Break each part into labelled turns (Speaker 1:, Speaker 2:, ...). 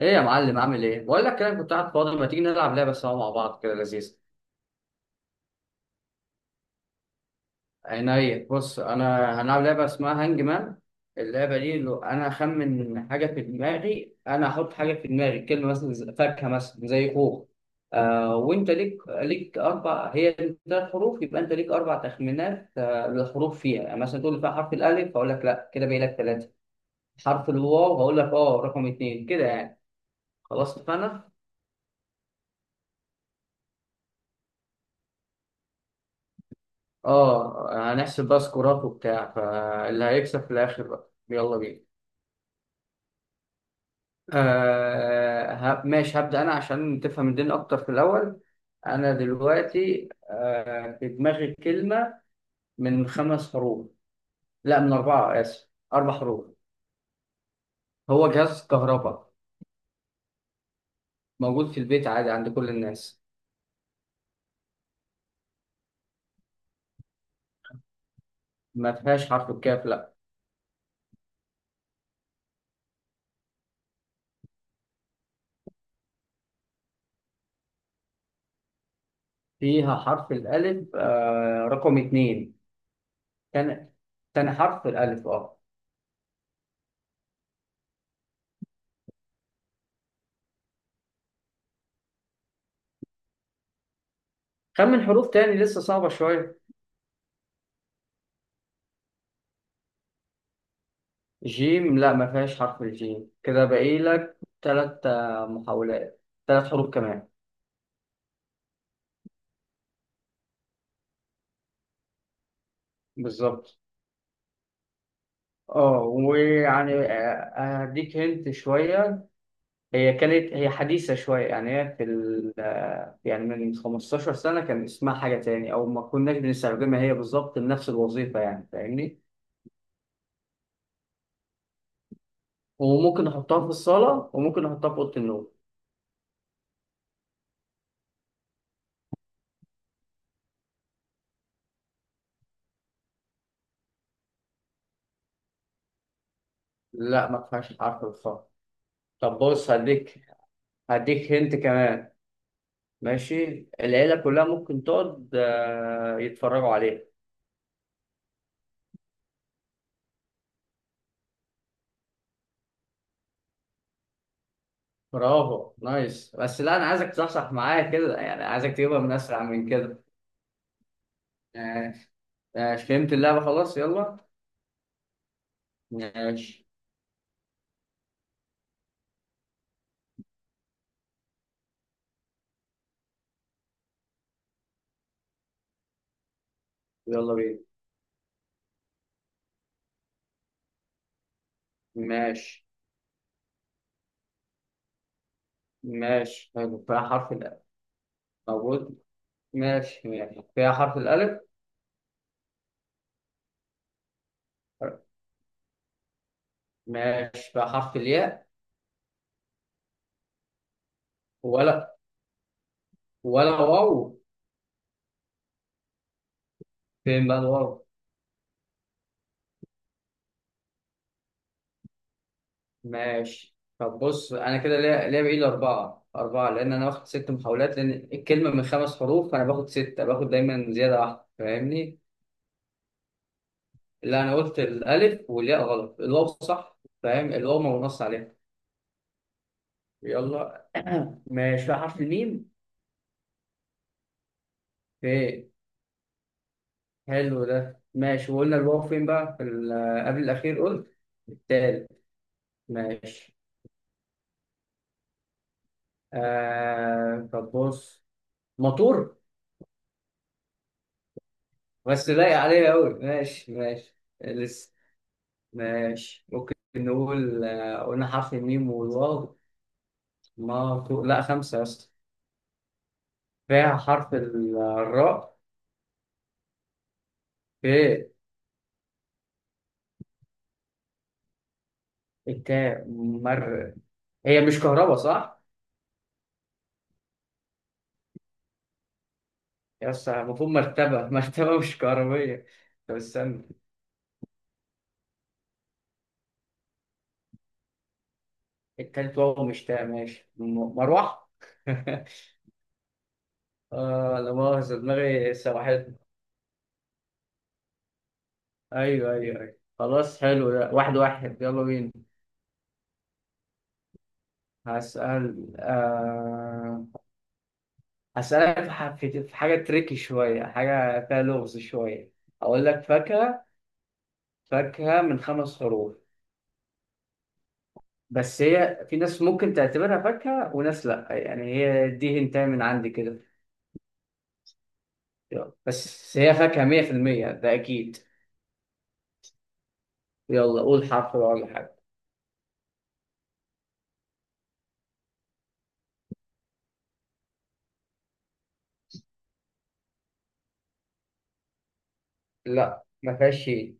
Speaker 1: ايه يا معلم عامل ايه؟ بقول لك كده كنت قاعد فاضي، ما تيجي نلعب لعبه سوا مع بعض كده لذيذه. عينيا، بص، انا هنلعب لعبه اسمها هانج مان. اللعبه دي لو انا اخمن حاجه في دماغي، انا احط حاجه في دماغي، كلمه مثلا فاكهه، مثلا زي خوخ. وانت ليك اربع، هي ثلاث حروف، يبقى انت ليك اربع تخمينات للحروف فيها. يعني مثلا تقول لي فيها حرف الالف، هقول لك لا، كده باقي لك ثلاثه. حرف الواو هقول لك رقم اثنين كده يعني. خلاص اتفقنا؟ اه هنحسب بقى سكورات وبتاع، فاللي هيكسب في الاخر بقى يلا بينا. ماشي، هبدأ انا عشان تفهم الدنيا اكتر في الاول. انا دلوقتي في دماغي كلمة من خمس حروف، لا من اربعة، اسف اربع حروف. هو جهاز كهرباء موجود في البيت عادي عند كل الناس. ما فيهاش حرف الكاف لا. فيها حرف الالف رقم اتنين. تاني، تاني حرف الالف خمن حروف تاني لسه صعبة شوية. جيم لا، ما فيهاش حرف الجيم، كده باقي لك ثلاث محاولات، ثلاث حروف كمان. بالظبط. اه ويعني آه، هديك هنت شوية. هي حديثة شوية. يعني هي في ال آه، يعني من 15 سنة كان اسمها حاجة تاني، أو ما كناش بنستخدمها هي بالظبط لنفس الوظيفة، يعني فاهمني. وممكن نحطها في الصالة وممكن نحطها في أوضة النوم. لا ما فيهاش حرف الخاء. طب بص، هديك هنت كمان. ماشي العيلة كلها ممكن تقعد يتفرجوا عليه. برافو نايس، بس لا أنا عايزك تصحصح معايا كده، يعني عايزك تجيبها من أسرع من كده. ماشي ماشي فهمت اللعبة خلاص يلا. ماشي يلا بينا. ماشي ماشي حلو، فيها حرف الألف. موجود. ماشي ماشي فيها حرف الألف. ماشي فيها حرف الياء. ولا، ولا واو. فين بقى الواو. ماشي طب بص، انا كده ليا بايد اربعه اربعه، لان انا واخد ست محاولات لان الكلمه من خمس حروف، فانا باخد سته، باخد دايما زياده واحده، فاهمني. اللي انا قلت الالف والياء غلط، الواو صح. فاهم، الواو ما بنص عليها. يلا. ماشي في حرف الميم. فين. حلو ده ماشي، وقلنا الواو فين بقى في قبل الاخير قلت. التالت. ماشي. طب بص، مطور. بس لايق عليا قوي ماشي ماشي. ماشي ممكن نقول قلنا حرف الميم والواو. ما تو... لا خمسة يا اسطى. فيها الراء. في. التاء مر. هي مش كهرباء صح؟ يا اسطى المفروض مرتبة مرتبة مش كهربية. طب استنى. التالت واو مش تاء. مروح. اه لا مؤاخذة، دماغي سوحتني. ايوه ايوه ايوه خلاص حلو ده، واحد واحد يلا بينا. هسأل آه... هسألك في في حاجة تريكي شوية، حاجة فيها لغز شوية. أقول لك فاكهة. فاكهة من خمس حروف. بس هي في ناس ممكن تعتبرها فاكهة وناس لأ، يعني هي دي هنتاي من عندي كده. يلا، بس هي فاكهة مية في المية ده أكيد. يلا قول حرف بقى ولا حاجة. لأ ما فيهاش شيء.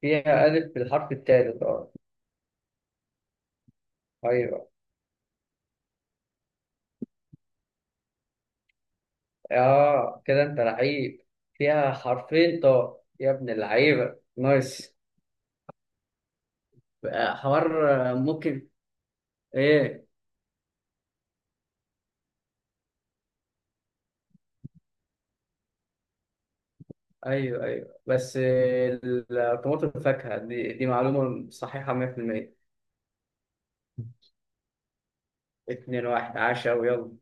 Speaker 1: فيها ألف بالحرف التالت أه. أيوه. كده أنت لعيب. فيها حرفين طاء يا ابن اللعيبة، نايس. حوار ممكن. ايه. ايوه ايوه بس. الطماطم الفاكهه دي، معلومه صحيحه 100%. 2-1 عشا ويلا.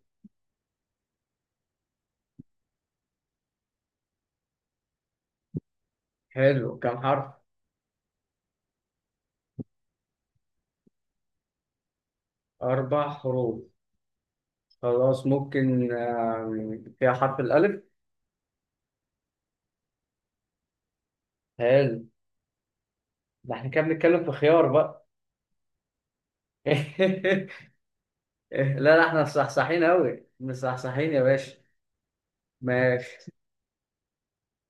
Speaker 1: حلو كم حرف؟ اربع حروف خلاص. ممكن فيها حرف الالف. حلو. ده احنا كده بنتكلم في خيار بقى. لا لا احنا مصحصحين قوي، مصحصحين يا باشا. ماشي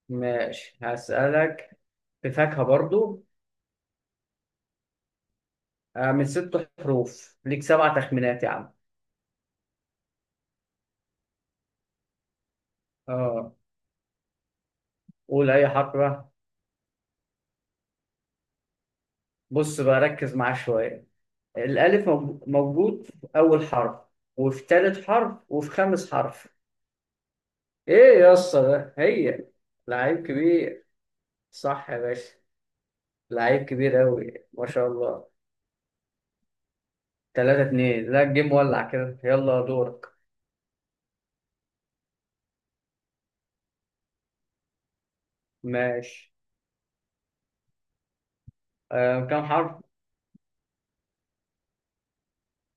Speaker 1: ماشي. هسألك في فاكهه برضو. من ست حروف، ليك سبع تخمينات يا عم. اه. قول اي حرف بقى. بص بقى ركز معاه شوية. الألف موجود في أول حرف، وفي تالت حرف، وفي خامس حرف. إيه يا اسطى ده هي. لعيب كبير. صح يا باشا، لعيب كبير أوي ما شاء الله. تلاتة اتنين، لا الجيم ولع كده، يلا دورك. ماشي. كام حرف.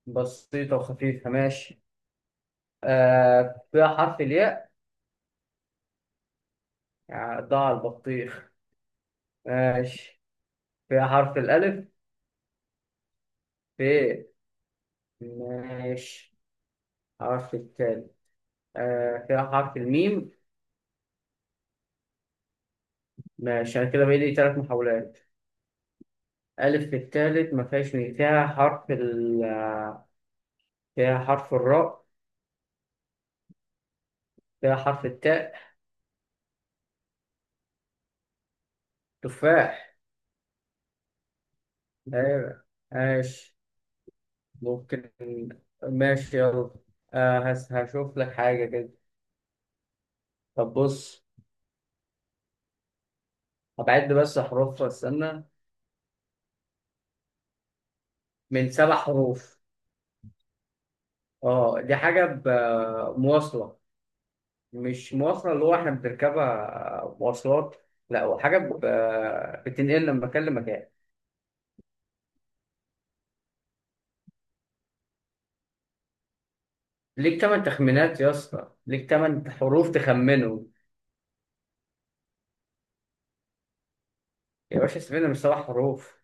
Speaker 1: بسيطة وخفيفة ماشي. فيها حرف الياء. يعني ضاع البطيخ. ماشي فيها حرف الألف. في. ماشي. حرف التاء. فيها حرف الميم. ماشي أنا كده بقى لي تلات محاولات. ألف في التالت، ما فيهاش ميم، فيها حرف ال. فيها حرف الراء. فيها حرف التاء. تفاح. أيوة. ماشي. ممكن. ماشي يلا. هشوف لك حاجة كده. طب بص، هبعد بس أحرف، استنى. من سبع حروف. اه دي مواصلة. مش مواصلة اللي هو احنا بنركبها مواصلات. لا هو بتنقلنا من مكان لمكان. ليك تمن تخمينات يا اسطى، ليك تمن حروف تخمنه. يا باشا سيبنا، من سبع حروف.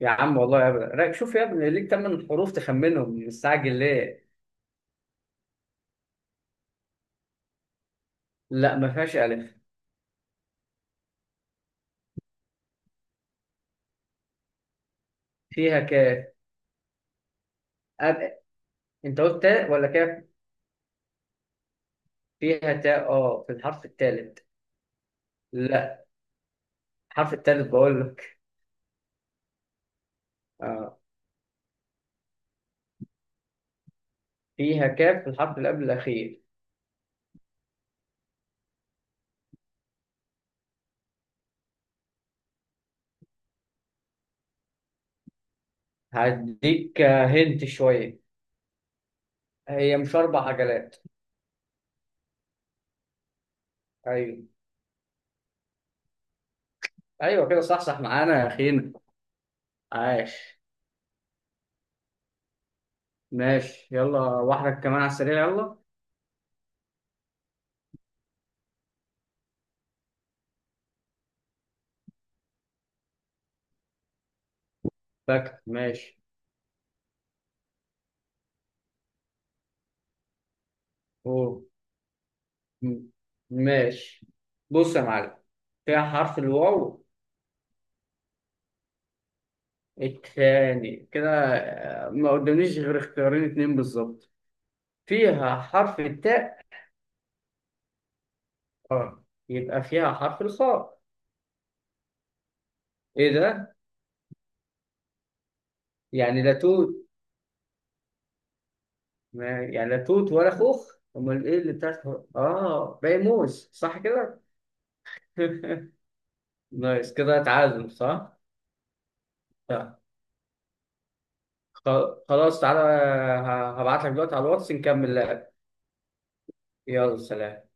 Speaker 1: يا عم والله يا ابني رايك، شوف يا ابني ليك تمن حروف تخمنهم، مستعجل ليه. لا ما فيهاش الف. فيها كاف. أب... انت قلت تاء ولا كاف. فيها تاء اه في الحرف الثالث. لا الحرف الثالث بقول لك. آه. فيها كاف في الحرف اللي قبل الاخير. هديك هنت شويه. هي مش اربع عجلات. ايوه ايوه كده صح، صح معانا يا اخينا. عاش. ماشي يلا واحدة كمان على السريع يلا. فاكر ماشي. أوه. م- ماشي. بص يا معلم. فيها حرف الواو. التاني كده. ما قدامنيش غير اختيارين اتنين بالظبط. فيها حرف التاء. اه يبقى فيها حرف الخاء. ايه ده؟ يعني لا توت. يعني لا توت ولا خوخ، امال ايه اللي بتاعت. اه باقي موز صح كده؟ نايس كده تعادل صح؟ طيب. خلاص تعالى، هبعت لك دلوقتي على الواتس نكمل لعب. يلا سلام.